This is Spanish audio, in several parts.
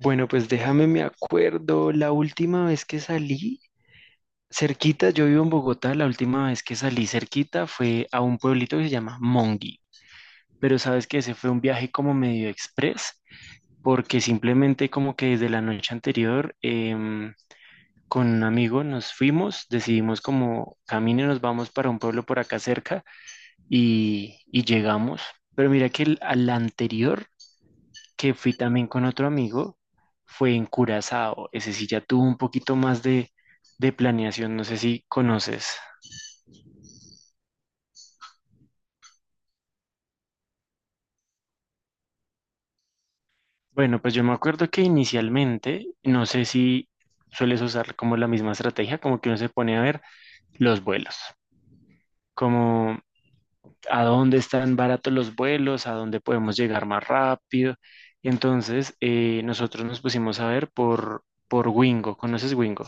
Bueno, pues déjame, me acuerdo, la última vez que salí cerquita, yo vivo en Bogotá, la última vez que salí cerquita fue a un pueblito que se llama Mongi, pero sabes que ese fue un viaje como medio express, porque simplemente como que desde la noche anterior con un amigo nos fuimos, decidimos como camino nos vamos para un pueblo por acá cerca y llegamos, pero mira que al anterior que fui también con otro amigo fue en Curazao. Ese sí ya tuvo un poquito más de planeación, no sé si conoces. Bueno, pues yo me acuerdo que inicialmente, no sé si sueles usar como la misma estrategia, como que uno se pone a ver los vuelos, como a dónde están baratos los vuelos, a dónde podemos llegar más rápido. Entonces, nosotros nos pusimos a ver por Wingo. ¿Conoces Wingo?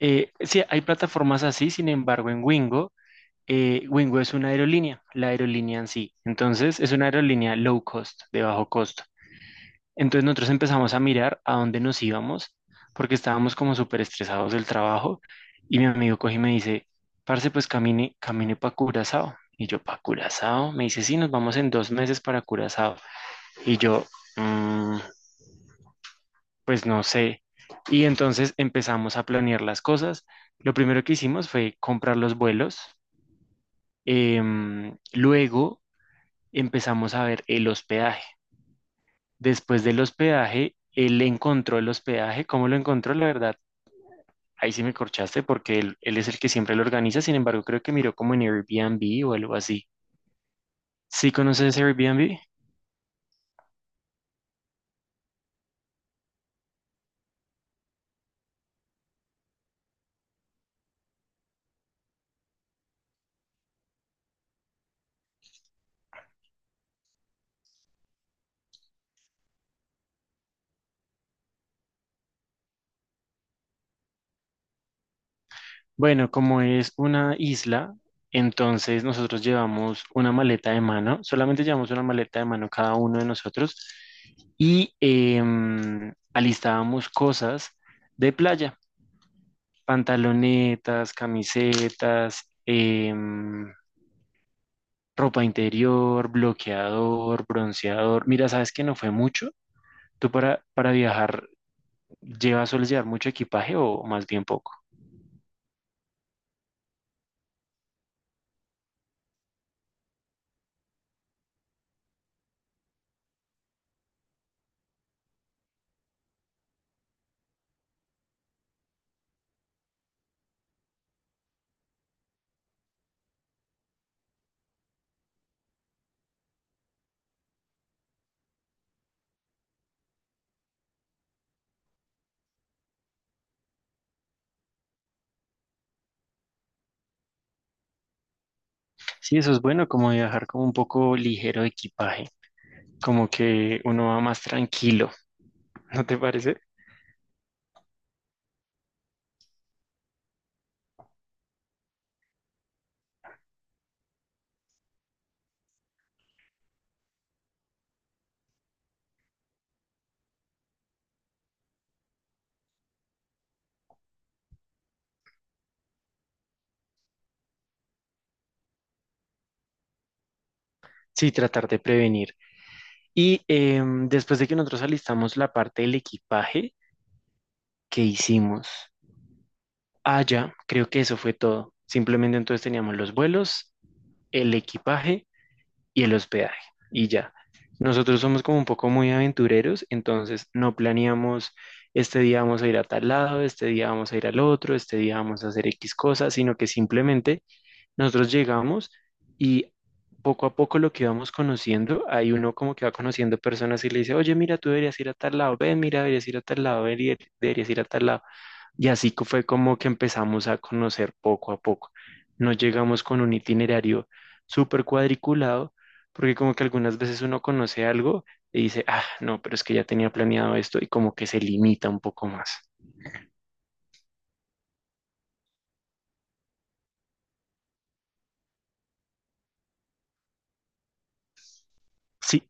Sí, hay plataformas así, sin embargo, en Wingo Wingo es una aerolínea, la aerolínea en sí. Entonces, es una aerolínea low cost, de bajo costo. Entonces, nosotros empezamos a mirar a dónde nos íbamos, porque estábamos como súper estresados del trabajo. Y mi amigo coge y me dice, parce, pues camine, camine para Curazao. Y yo, ¿para Curazao? Me dice, sí, nos vamos en dos meses para Curazao. Y yo, "Mm, pues no sé. Y entonces empezamos a planear las cosas. Lo primero que hicimos fue comprar los vuelos. Luego empezamos a ver el hospedaje. Después del hospedaje, él encontró el hospedaje. ¿Cómo lo encontró? La verdad, ahí sí me corchaste porque él es el que siempre lo organiza. Sin embargo, creo que miró como en Airbnb o algo así. ¿Sí conoces Airbnb? Bueno, como es una isla, entonces nosotros llevamos una maleta de mano. Solamente llevamos una maleta de mano cada uno de nosotros y alistábamos cosas de playa. Pantalonetas, camisetas, ropa interior, bloqueador, bronceador. Mira, ¿sabes que no fue mucho? ¿Tú para viajar llevas, sueles llevar mucho equipaje o más bien poco? Sí, eso es bueno, como viajar como un poco ligero de equipaje, como que uno va más tranquilo, ¿no te parece? Sí, tratar de prevenir. Y después de que nosotros alistamos la parte del equipaje, ¿qué hicimos? Ah, ya, creo que eso fue todo. Simplemente entonces teníamos los vuelos, el equipaje y el hospedaje. Y ya. Nosotros somos como un poco muy aventureros, entonces no planeamos este día vamos a ir a tal lado, este día vamos a ir al otro, este día vamos a hacer X cosas, sino que simplemente nosotros llegamos y poco a poco lo que vamos conociendo, hay uno como que va conociendo personas y le dice, oye, mira, tú deberías ir a tal lado, ven, mira, deberías ir a tal lado, ven, deberías ir a tal lado. Y así fue como que empezamos a conocer poco a poco. No llegamos con un itinerario súper cuadriculado, porque como que algunas veces uno conoce algo y dice, ah, no, pero es que ya tenía planeado esto y como que se limita un poco más. Sí,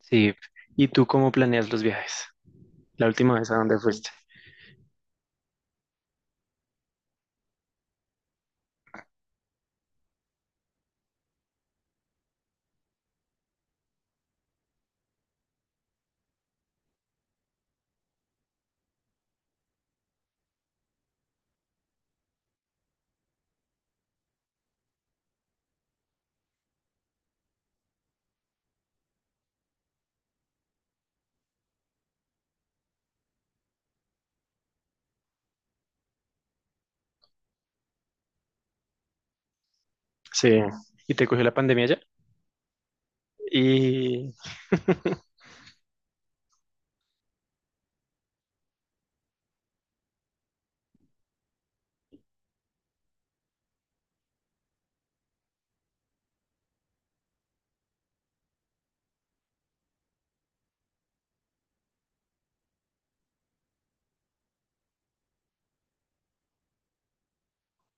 sí. ¿Y tú cómo planeas los viajes? La última vez a dónde fuiste. Sí. Y te cogió la pandemia ya. Y...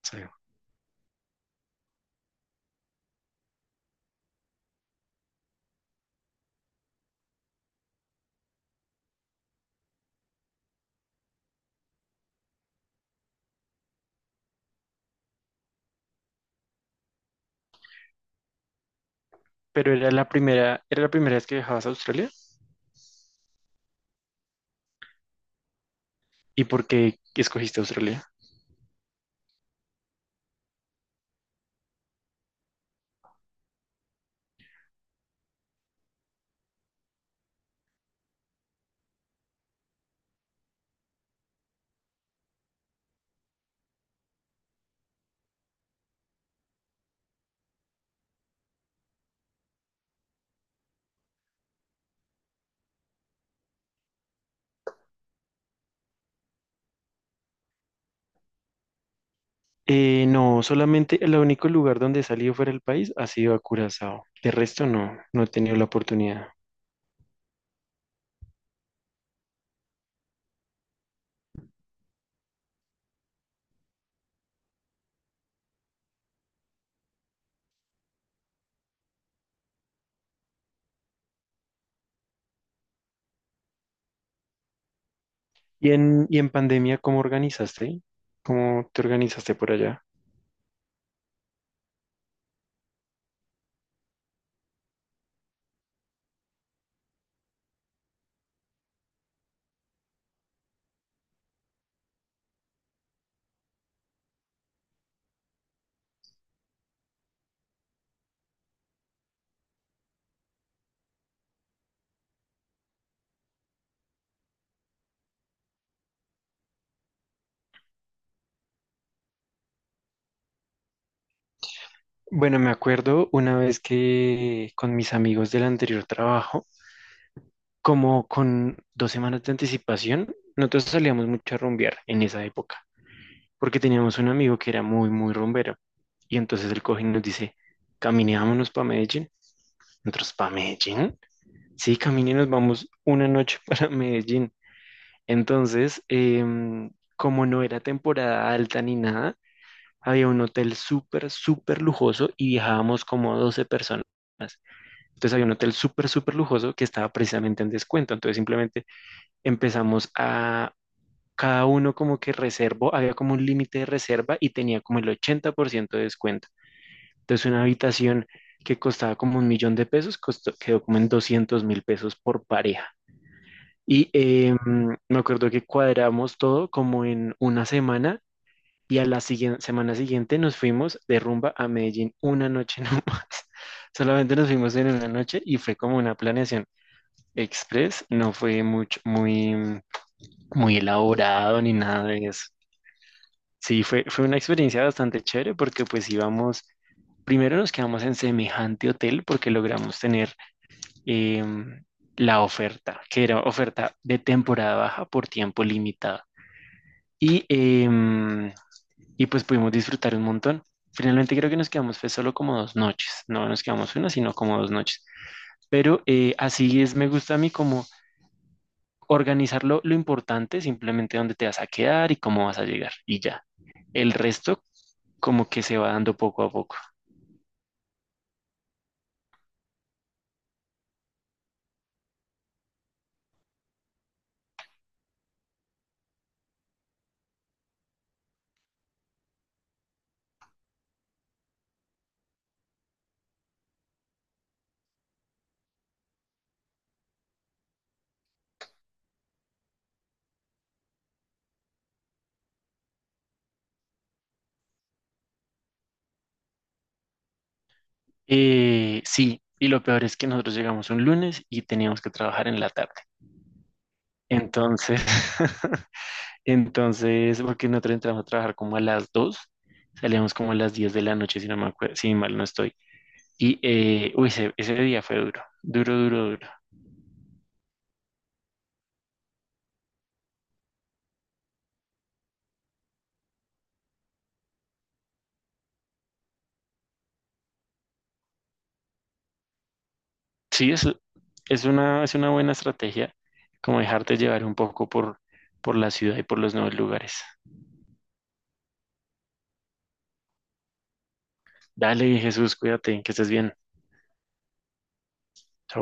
sí. Pero era la primera vez que viajabas a Australia. ¿Y por qué escogiste Australia? No, solamente el único lugar donde he salido fuera del país ha sido a Curazao. De resto no, no he tenido la oportunidad. Y en pandemia cómo organizaste? ¿Cómo te organizaste por allá? Bueno, me acuerdo una vez que con mis amigos del anterior trabajo, como con dos semanas de anticipación, nosotros salíamos mucho a rumbear en esa época, porque teníamos un amigo que era muy, muy rumbero. Y entonces el coge y nos dice, caminémonos para Medellín. Nosotros, ¿para Medellín? Sí, caminé y nos vamos una noche para Medellín. Entonces, como no era temporada alta ni nada, había un hotel súper, súper lujoso y viajábamos como 12 personas. Entonces había un hotel súper, súper lujoso que estaba precisamente en descuento. Entonces simplemente empezamos a cada uno como que reservó, había como un límite de reserva y tenía como el 80% de descuento. Entonces una habitación que costaba como un millón de pesos costó, quedó como en 200 mil pesos por pareja. Y me acuerdo que cuadramos todo como en una semana y a la siguiente, semana siguiente nos fuimos de rumba a Medellín una noche nomás. Solamente nos fuimos en una noche y fue como una planeación express, no fue mucho, muy, muy elaborado ni nada de eso. Sí, fue, fue una experiencia bastante chévere porque pues íbamos, primero nos quedamos en semejante hotel porque logramos tener em, la oferta, que era oferta de temporada baja por tiempo limitado. Y, y pues pudimos disfrutar un montón. Finalmente creo que nos quedamos fue solo como dos noches, no nos quedamos una, sino como dos noches. Pero así es, me gusta a mí como organizar lo importante, simplemente dónde te vas a quedar y cómo vas a llegar y ya. El resto como que se va dando poco a poco. Sí, y lo peor es que nosotros llegamos un lunes y teníamos que trabajar en la tarde. Entonces, entonces, porque nosotros entramos a trabajar como a las 2, salíamos como a las 10 de la noche, si no me acuerdo, si mal no estoy. Y, uy, ese día fue duro, duro, duro, duro. Sí, es una buena estrategia, como dejarte llevar un poco por la ciudad y por los nuevos lugares. Dale, Jesús, cuídate, que estés bien.